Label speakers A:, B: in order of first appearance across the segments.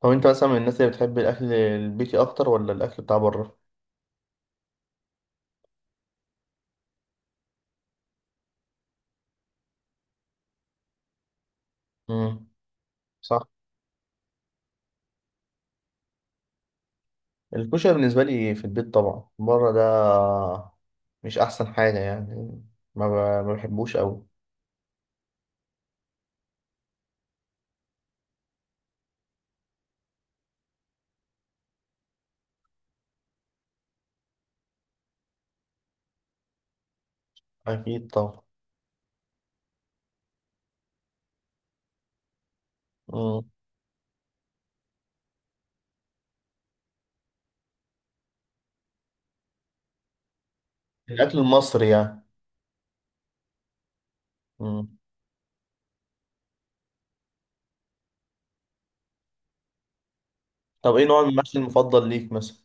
A: طب انت مثلا من الناس اللي بتحب الاكل البيتي اكتر ولا الاكل بتاع بره؟ امم. صح. الكشري بالنسبه لي في البيت طبعا، بره ده مش احسن حاجه يعني. ما بحبوش قوي. اكيد طبعا. امم. الاكل المصري يعني؟ امم. طب ايه نوع المحشي المفضل ليك مثلا؟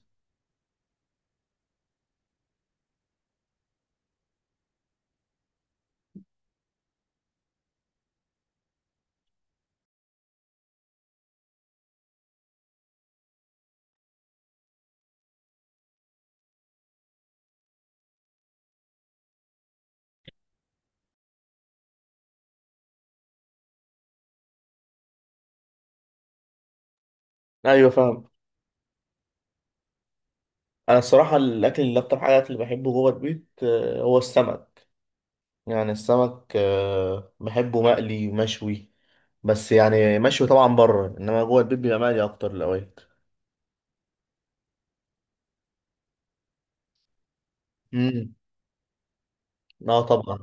A: ايوه، فاهم. انا الصراحه الاكل اللي اكتر حاجه اللي بحبه جوه البيت هو السمك. يعني السمك بحبه مقلي ومشوي. بس يعني مشوي طبعا بره، انما جوه البيت بيبقى مقلي اكتر الاوقات. امم. اه طبعا.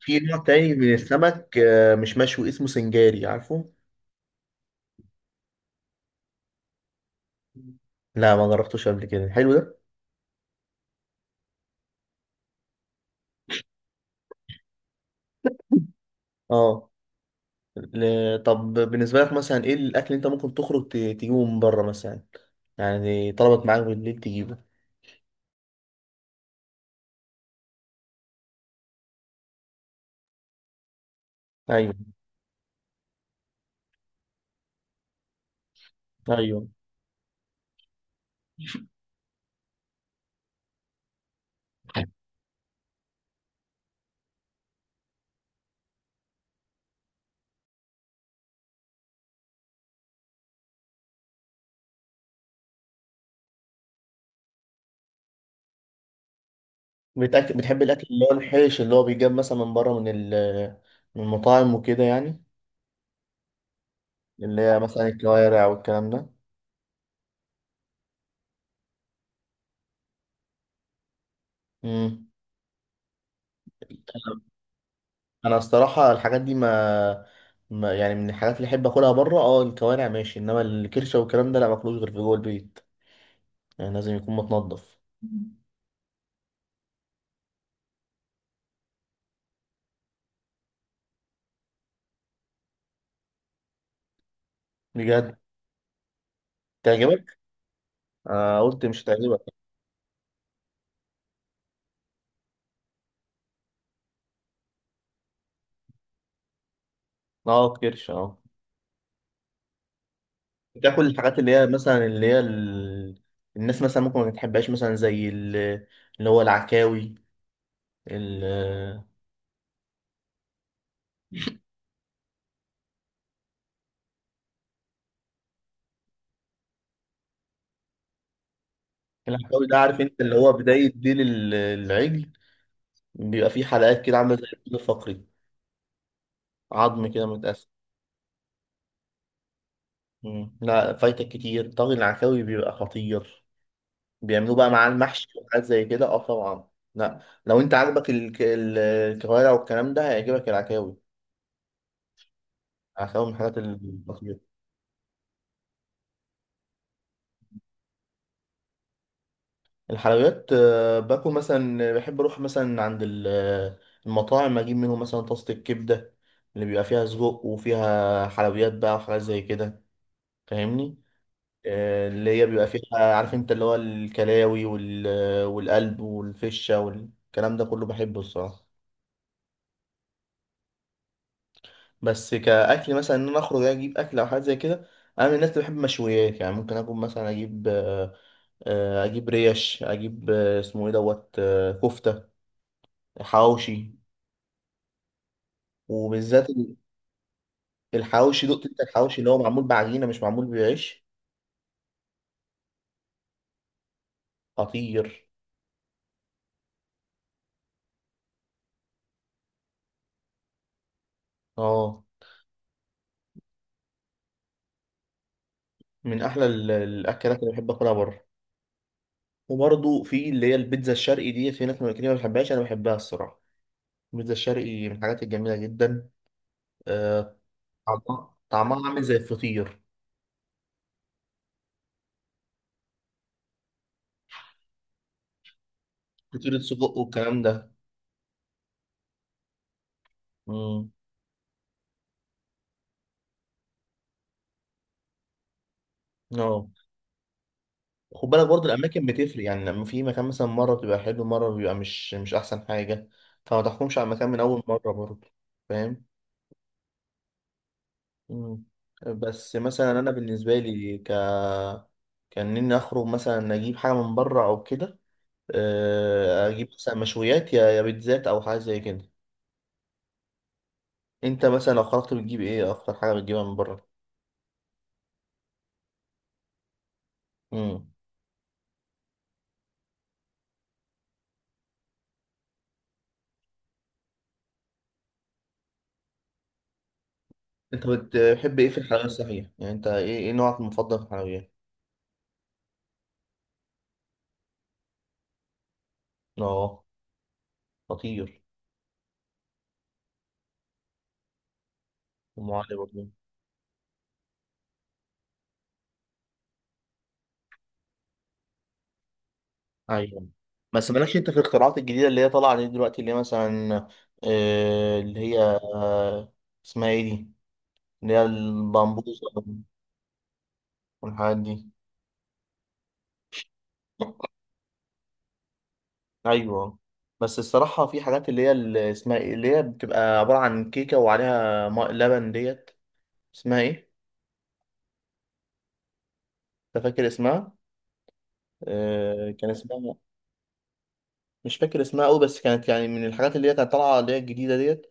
A: في نوع تاني من السمك مش مشوي، اسمه سنجاري، عارفه؟ لا، ما جربتوش قبل كده. حلو ده؟ اه. طب بالنسبه لك مثلا ايه الاكل اللي انت ممكن تخرج تجيبه من بره مثلا؟ يعني طلبت معاك بالليل تجيبه. ايوه. ايوه. بتحب الاكل اللي هو الحيش اللي هو بيجاب مثلا من بره، من من المطاعم وكده يعني. اللي هي مثلا الكوارع والكلام ده. امم. انا الصراحه الحاجات دي ما يعني من الحاجات اللي احب اكلها بره. اه الكوارع ماشي، انما الكرشه والكلام ده لا، ماكلوش غير في جوه البيت. يعني لازم يكون متنضف. بجد؟ تعجبك. انا قلت مش هتعجبك. اه، كرشه، اه. بتاكل الحاجات اللي هي مثلا اللي هي الناس مثلا ممكن ما تحبهاش، مثلا زي اللي هو العكاوي، ال... العكاوي ده عارف انت اللي هو بدايه ديل العجل. بيبقى فيه حلقات كده عامله زي الفقري. عظم كده متقسم. مم. لا فايتك كتير، طاجن العكاوي بيبقى خطير. بيعملوه بقى مع المحشي وحاجات زي كده. اه طبعا. لا لو انت عاجبك الكوارع والكلام ده هيعجبك العكاوي. العكاوي من الحاجات الخطيرة. الحلويات باكل مثلا، بحب اروح مثلا عند المطاعم، اجيب منهم مثلا طاسة الكبدة اللي بيبقى فيها سجق وفيها حلويات بقى وحاجات زي كده. فاهمني؟ اللي هي بيبقى فيها، عارف انت، اللي هو الكلاوي والقلب والفشة والكلام ده كله بحبه الصراحة. بس كأكل مثلا، ان انا اخرج اجيب اكل او حاجة زي كده، انا من الناس اللي بحب مشويات. يعني ممكن اكون مثلا اجيب اجيب ريش، اجيب اسمه ايه دوت كفتة، حواوشي. وبالذات الحواوشي دقت، انت الحواوشي اللي هو معمول بعجينة مش معمول بعيش. خطير. اه. من احلى الاكلات اللي بحب اكلها بره. وبرضه في اللي هي البيتزا الشرقي دي، في ناس ما كتير ما بتحبهاش، انا بحبها الصراحه. البيتزا الشرقي من الحاجات الجميله جدا. آه، طعمها طعمها عامل زي الفطير. فطيرة سجق والكلام ده. امم. اه. خد بالك برضه الاماكن بتفرق، يعني لما في مكان مثلا مره بتبقى حلو مره بيبقى مش احسن حاجه. فما تحكمش على المكان من اول مره برضه. فاهم؟ مم. بس مثلا انا بالنسبه لي كان اني اخرج مثلا اجيب حاجه من بره او كده، اجيب مثلا مشويات، يا بيتزات او حاجه زي كده. انت مثلا لو خرجت بتجيب ايه اكتر حاجه بتجيبها من بره؟ امم. انت بتحب ايه في الحلويات صحيح؟ يعني انت ايه نوعك المفضل في الحلويات؟ اه. خطير. ام علي برضه. ايوه بس مالكش انت في الاختراعات الجديده اللي هي طالعه دي دلوقتي، اللي هي مثلا اللي هي، آه اسمها ايه دي، اللي هي البامبوزه والحاجات دي. ايوه بس الصراحه في حاجات اللي هي اللي اسمها ايه اللي هي بتبقى عباره عن كيكه وعليها ماء لبن ديت. اسمها ايه؟ انت فاكر اسمها؟ كان اسمها، مش فاكر اسمها قوي، بس كانت يعني من الحاجات اللي هي كانت طالعه اللي هي الجديده ديت.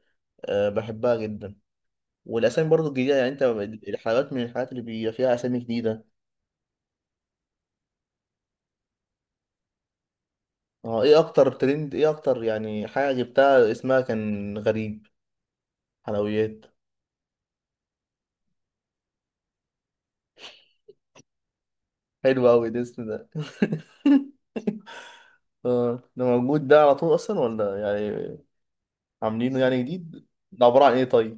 A: آه بحبها جدا. والاسامي برضو الجديده، يعني انت الحلويات من الحاجات اللي بيبقى فيها اسامي جديده. اه. ايه اكتر ترند، ايه اكتر يعني حاجه جبتها اسمها كان غريب، حلويات؟ حلو قوي الاسم ده. اه ده موجود ده على طول اصلا ولا يعني عاملينه يعني جديد؟ ده عبارة عن ايه طيب؟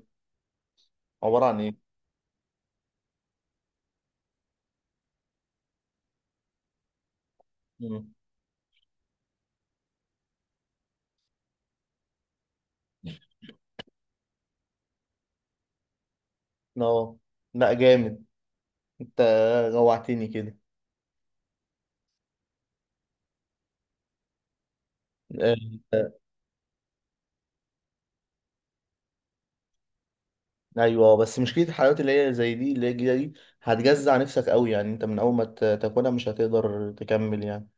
A: عبارة عن ايه؟ مم. اه. لا جامد. انت جوعتني كده. آه، ايوه بس مشكله الحلويات اللي هي زي دي اللي هي الجديده دي، هتجزع نفسك قوي. يعني انت من اول ما تاكلها مش هتقدر تكمل يعني.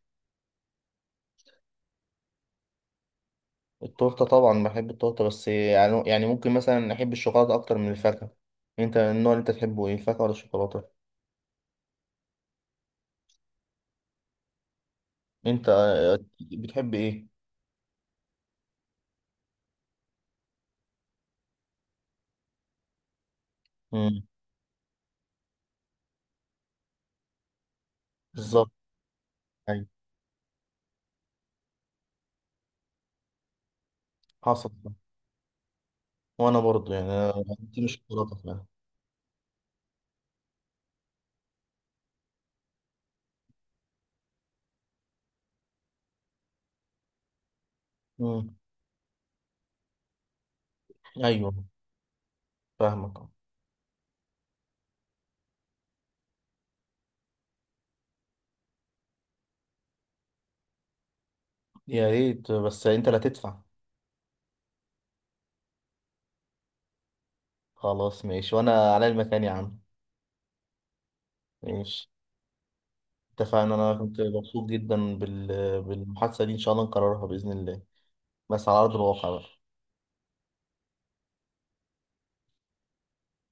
A: التورته طبعا بحب التورته، بس يعني ممكن مثلا احب الشوكولاته اكتر من الفاكهه. انت النوع اللي انت تحبه ايه، الفاكهه ولا الشوكولاته؟ انت بتحب ايه؟ امم. بالظبط. ايوه. حصل ده. وانا برضو يعني انت مش شوكولاته فعلا. مم. ايوه. فاهمك. يا ريت بس انت اللي هتدفع. خلاص ماشي، وانا على المكان يا عم. ماشي. اتفقنا، انا كنت مبسوط جدا بالمحادثه دي، ان شاء الله نكررها باذن الله، بس على ارض الواقع بقى.